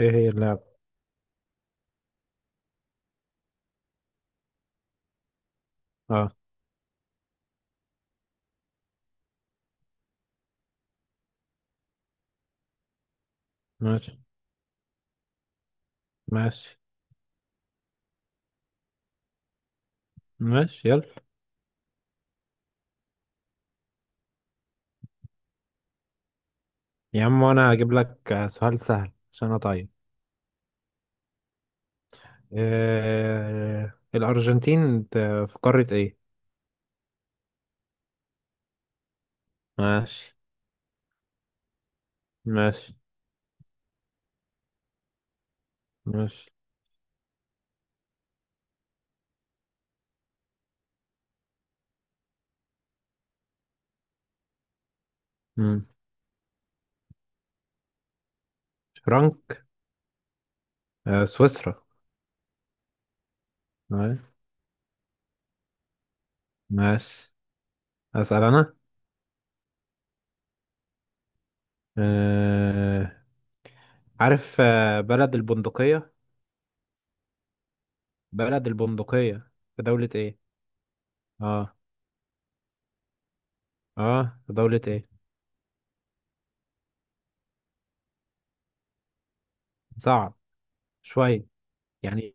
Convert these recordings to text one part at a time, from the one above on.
ايه هي اللعبة؟ اه. ماشي، ماشي، ماشي، يلا، يا عم انا هجيب لك سؤال سهل عشان اطيب. إيه الارجنتين في قارة ايه؟ ماشي. ماشي. ماشي. مم. فرانك. آه، سويسرا. آه. ماشي. اسأل انا. آه. عارف بلد البندقية؟ بلد البندقية في دولة ايه؟ اه. اه، في دولة ايه؟ صعب. شوية. يعني.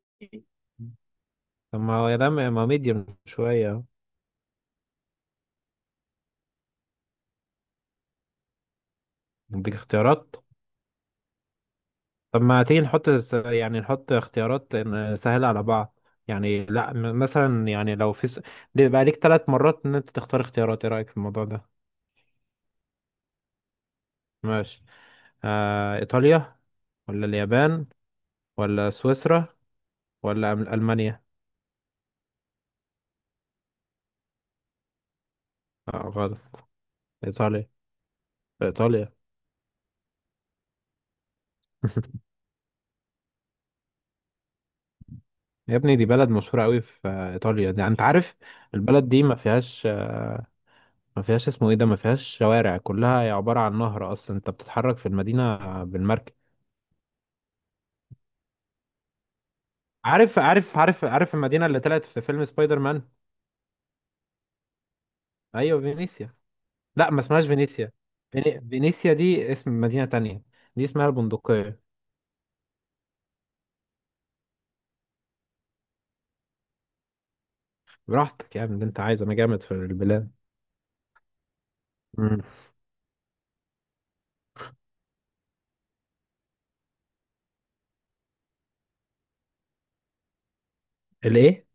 طب ما هو يا ده ما ميديوم شوية أهو. اديك اختيارات؟ طب ما تيجي نحط يعني نحط اختيارات سهلة على بعض. يعني لا، مثلا يعني لو في ليه بقى ليك 3 مرات ان انت تختار اختيارات؟ ايه رأيك في الموضوع ده؟ ماشي. آه، ايطاليا، ولا اليابان، ولا سويسرا، ولا المانيا؟ آه، غلط. ايطاليا. ايطاليا. يا ابني دي بلد مشهورة قوي في ايطاليا، دي انت عارف. البلد دي ما فيهاش ما فيهاش، اسمه ايه ده، ما فيهاش شوارع، كلها هي عبارة عن نهر اصلا، انت بتتحرك في المدينة بالمركب. عارف، عارف، عارف، عارف المدينة اللي طلعت في فيلم سبايدر مان. ايوه، فينيسيا. لا، ما اسمهاش فينيسيا. فينيسيا دي اسم مدينة تانية. دي اسمها البندقية. براحتك يا ابني، اللي انت عايزه، انا جامد في البلاد. مم. الايه؟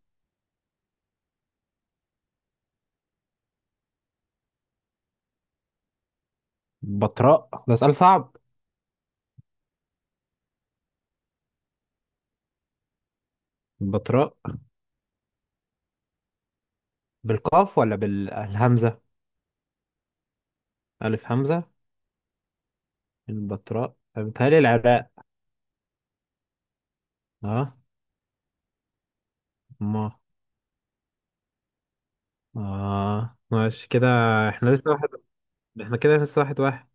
بطراء؟ ده سؤال صعب. البطراء. بالقاف ولا بالهمزة؟ الف همزة. البطراء بتهيألي العراق. اه. ما. اه، ماشي كده. احنا لسه واحد. احنا كده لسه 1-1.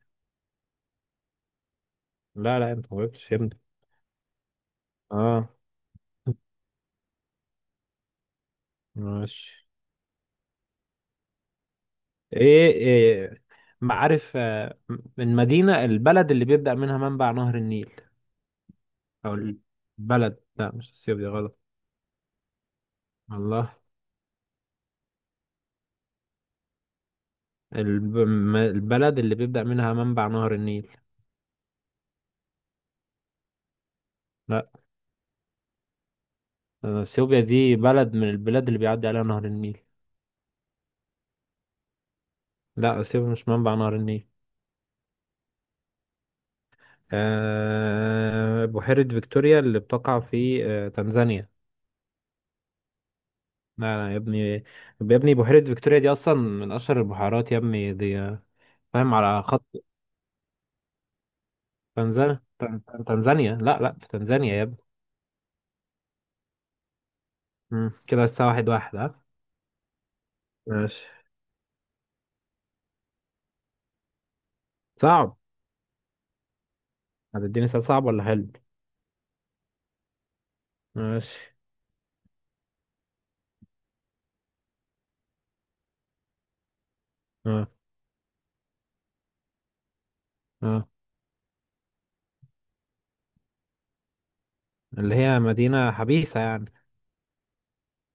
لا، لا، انت ما جاوبتش يا ابني. اه. ماشي. إيه. معارف البلد اللي بيبدأ منها منبع نهر النيل؟ او البلد، لا مش السيوف، دي غلط. الله. البلد اللي بيبدأ منها منبع نهر النيل؟ لا. اثيوبيا دي بلد من البلاد اللي بيعدي عليها نهر النيل. لا، اثيوبيا مش منبع نهر النيل. بحيرة فيكتوريا اللي بتقع في تنزانيا. لا، لا، يا ابني، يا ابني بحيرة فيكتوريا دي أصلا من أشهر البحيرات يا ابني، دي فاهم على خط. تنزانيا تنزانيا. لا، لا، في تنزانيا يا ابني. مم. كده الساعة 1-1، ها؟ ماشي. صعب؟ هتديني سؤال صعب ولا حلو؟ ماشي. اه. اه، اللي هي مدينة حبيسة يعني.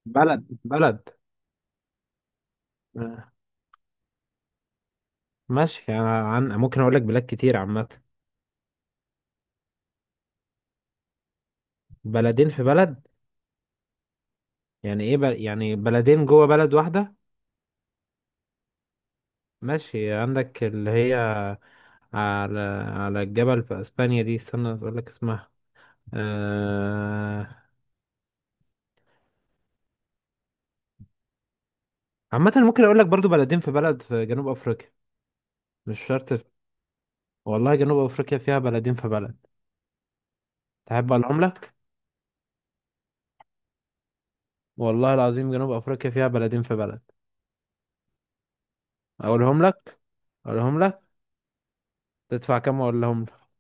بلد، بلد. آه. ماشي، يعني عن ممكن أقول لك بلاد كتير عامة. بلدين في بلد. يعني إيه يعني بلدين جوه بلد واحدة؟ ماشي، عندك اللي هي على على الجبل في اسبانيا، دي استنى اقول لك اسمها. آه... عامة ممكن اقول لك برضو بلدين في بلد في جنوب افريقيا. مش شرط والله جنوب افريقيا فيها بلدين في بلد. تحب اقولهم لك؟ والله العظيم جنوب افريقيا فيها بلدين في بلد. اقولهم لك. اقولهم لك. تدفع كام اقولهم لك؟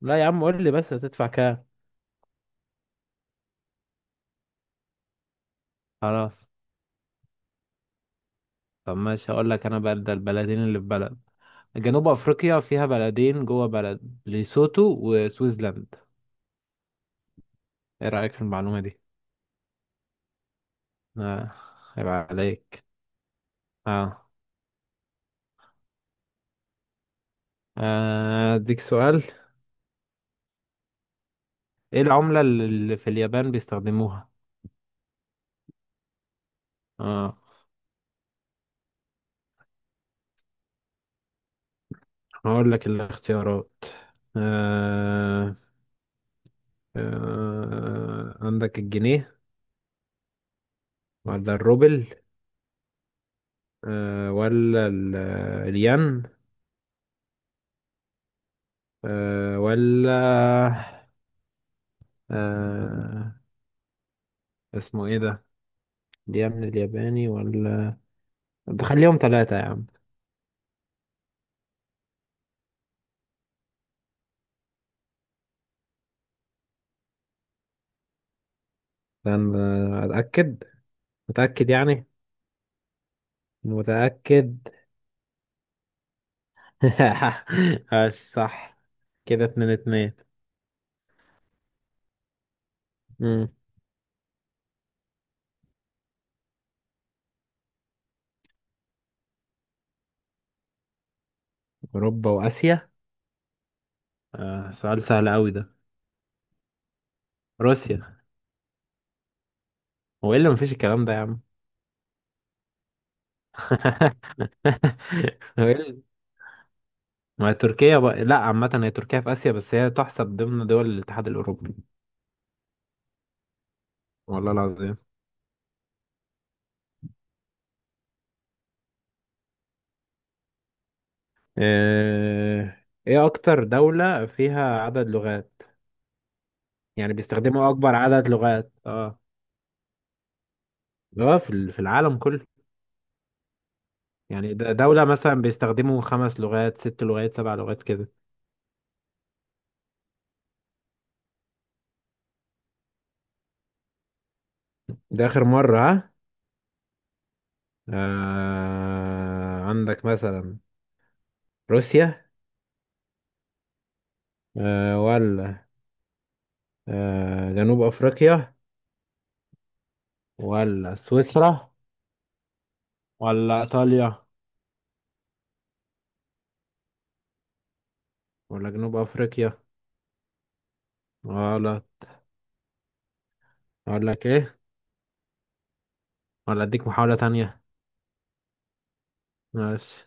لا يا عم، قول لي بس هتدفع كام؟ خلاص. طب ماشي، هقول لك انا بقى ده البلدين اللي في بلد. جنوب افريقيا فيها بلدين جوه بلد، ليسوتو وسويسلاند. ايه رايك في المعلومه دي؟ اه. هيبقى عليك. اه. اديك سؤال. ايه العمله اللي في اليابان بيستخدموها؟ اه. هقول لك الاختيارات. آه. آه، عندك الجنيه، ولا الروبل، آه، ولا الين، آه، ولا آه، اسمه ايه ده، دي يا ابن الياباني، ولا بخليهم ثلاثة يا عم؟ لأن أتأكد. متأكد يعني؟ متأكد؟ بس صح. كده 2-2. مم. أوروبا وآسيا؟ آه، سؤال سهل أوي ده. روسيا. هو إيه اللي مفيش الكلام ده يا عم؟ هو إيه اللي- ما هي تركيا بقى. لا عامة هي تركيا في آسيا، بس هي تحسب ضمن دول الاتحاد الأوروبي. والله العظيم. آه، إيه أكتر دولة فيها عدد لغات؟ يعني بيستخدموا أكبر عدد لغات، اه. اه، في العالم كله. يعني ده دولة مثلا بيستخدموا 5 لغات، 6 لغات، 7 لغات، كده. ده آخر مرة، ها؟ آه، عندك مثلا روسيا، آه، ولا آه جنوب أفريقيا، ولا سويسرا، ولا إيطاليا، ولا جنوب أفريقيا، ولا أقول لك إيه، ولا أديك محاولة تانية؟ ماشي.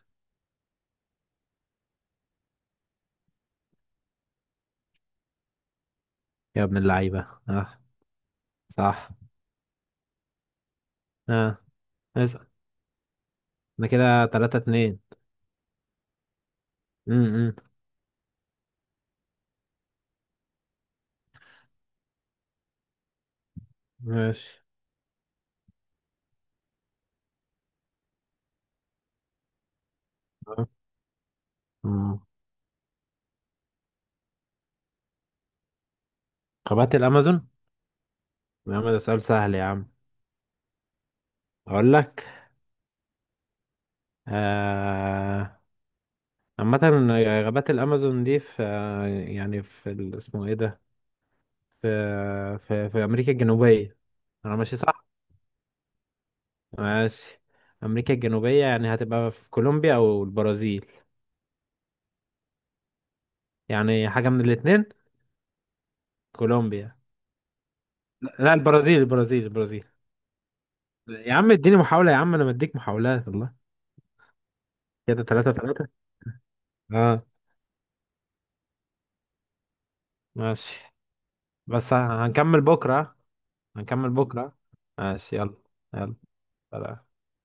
يا ابن اللعيبة، اه. صح. اه. اسأل. ده كده 3-2. م- م. ماشي. آه. م. قارات الأمازون؟ يا عم ده سؤال سهل يا عم. اقول لك. آه... عامة غابات الامازون دي في يعني في اسمه ايه ده، في في امريكا الجنوبية. انا ماشي صح؟ ماشي. امريكا الجنوبية يعني هتبقى في كولومبيا او البرازيل. يعني حاجة من الاتنين. كولومبيا. لا، البرازيل، البرازيل، البرازيل. يا عم اديني محاولة، يا عم انا مديك محاولات والله. كده 3-3. اه. ماشي. بس هنكمل بكرة. هنكمل بكرة. ماشي، يلا. يلا. سلام.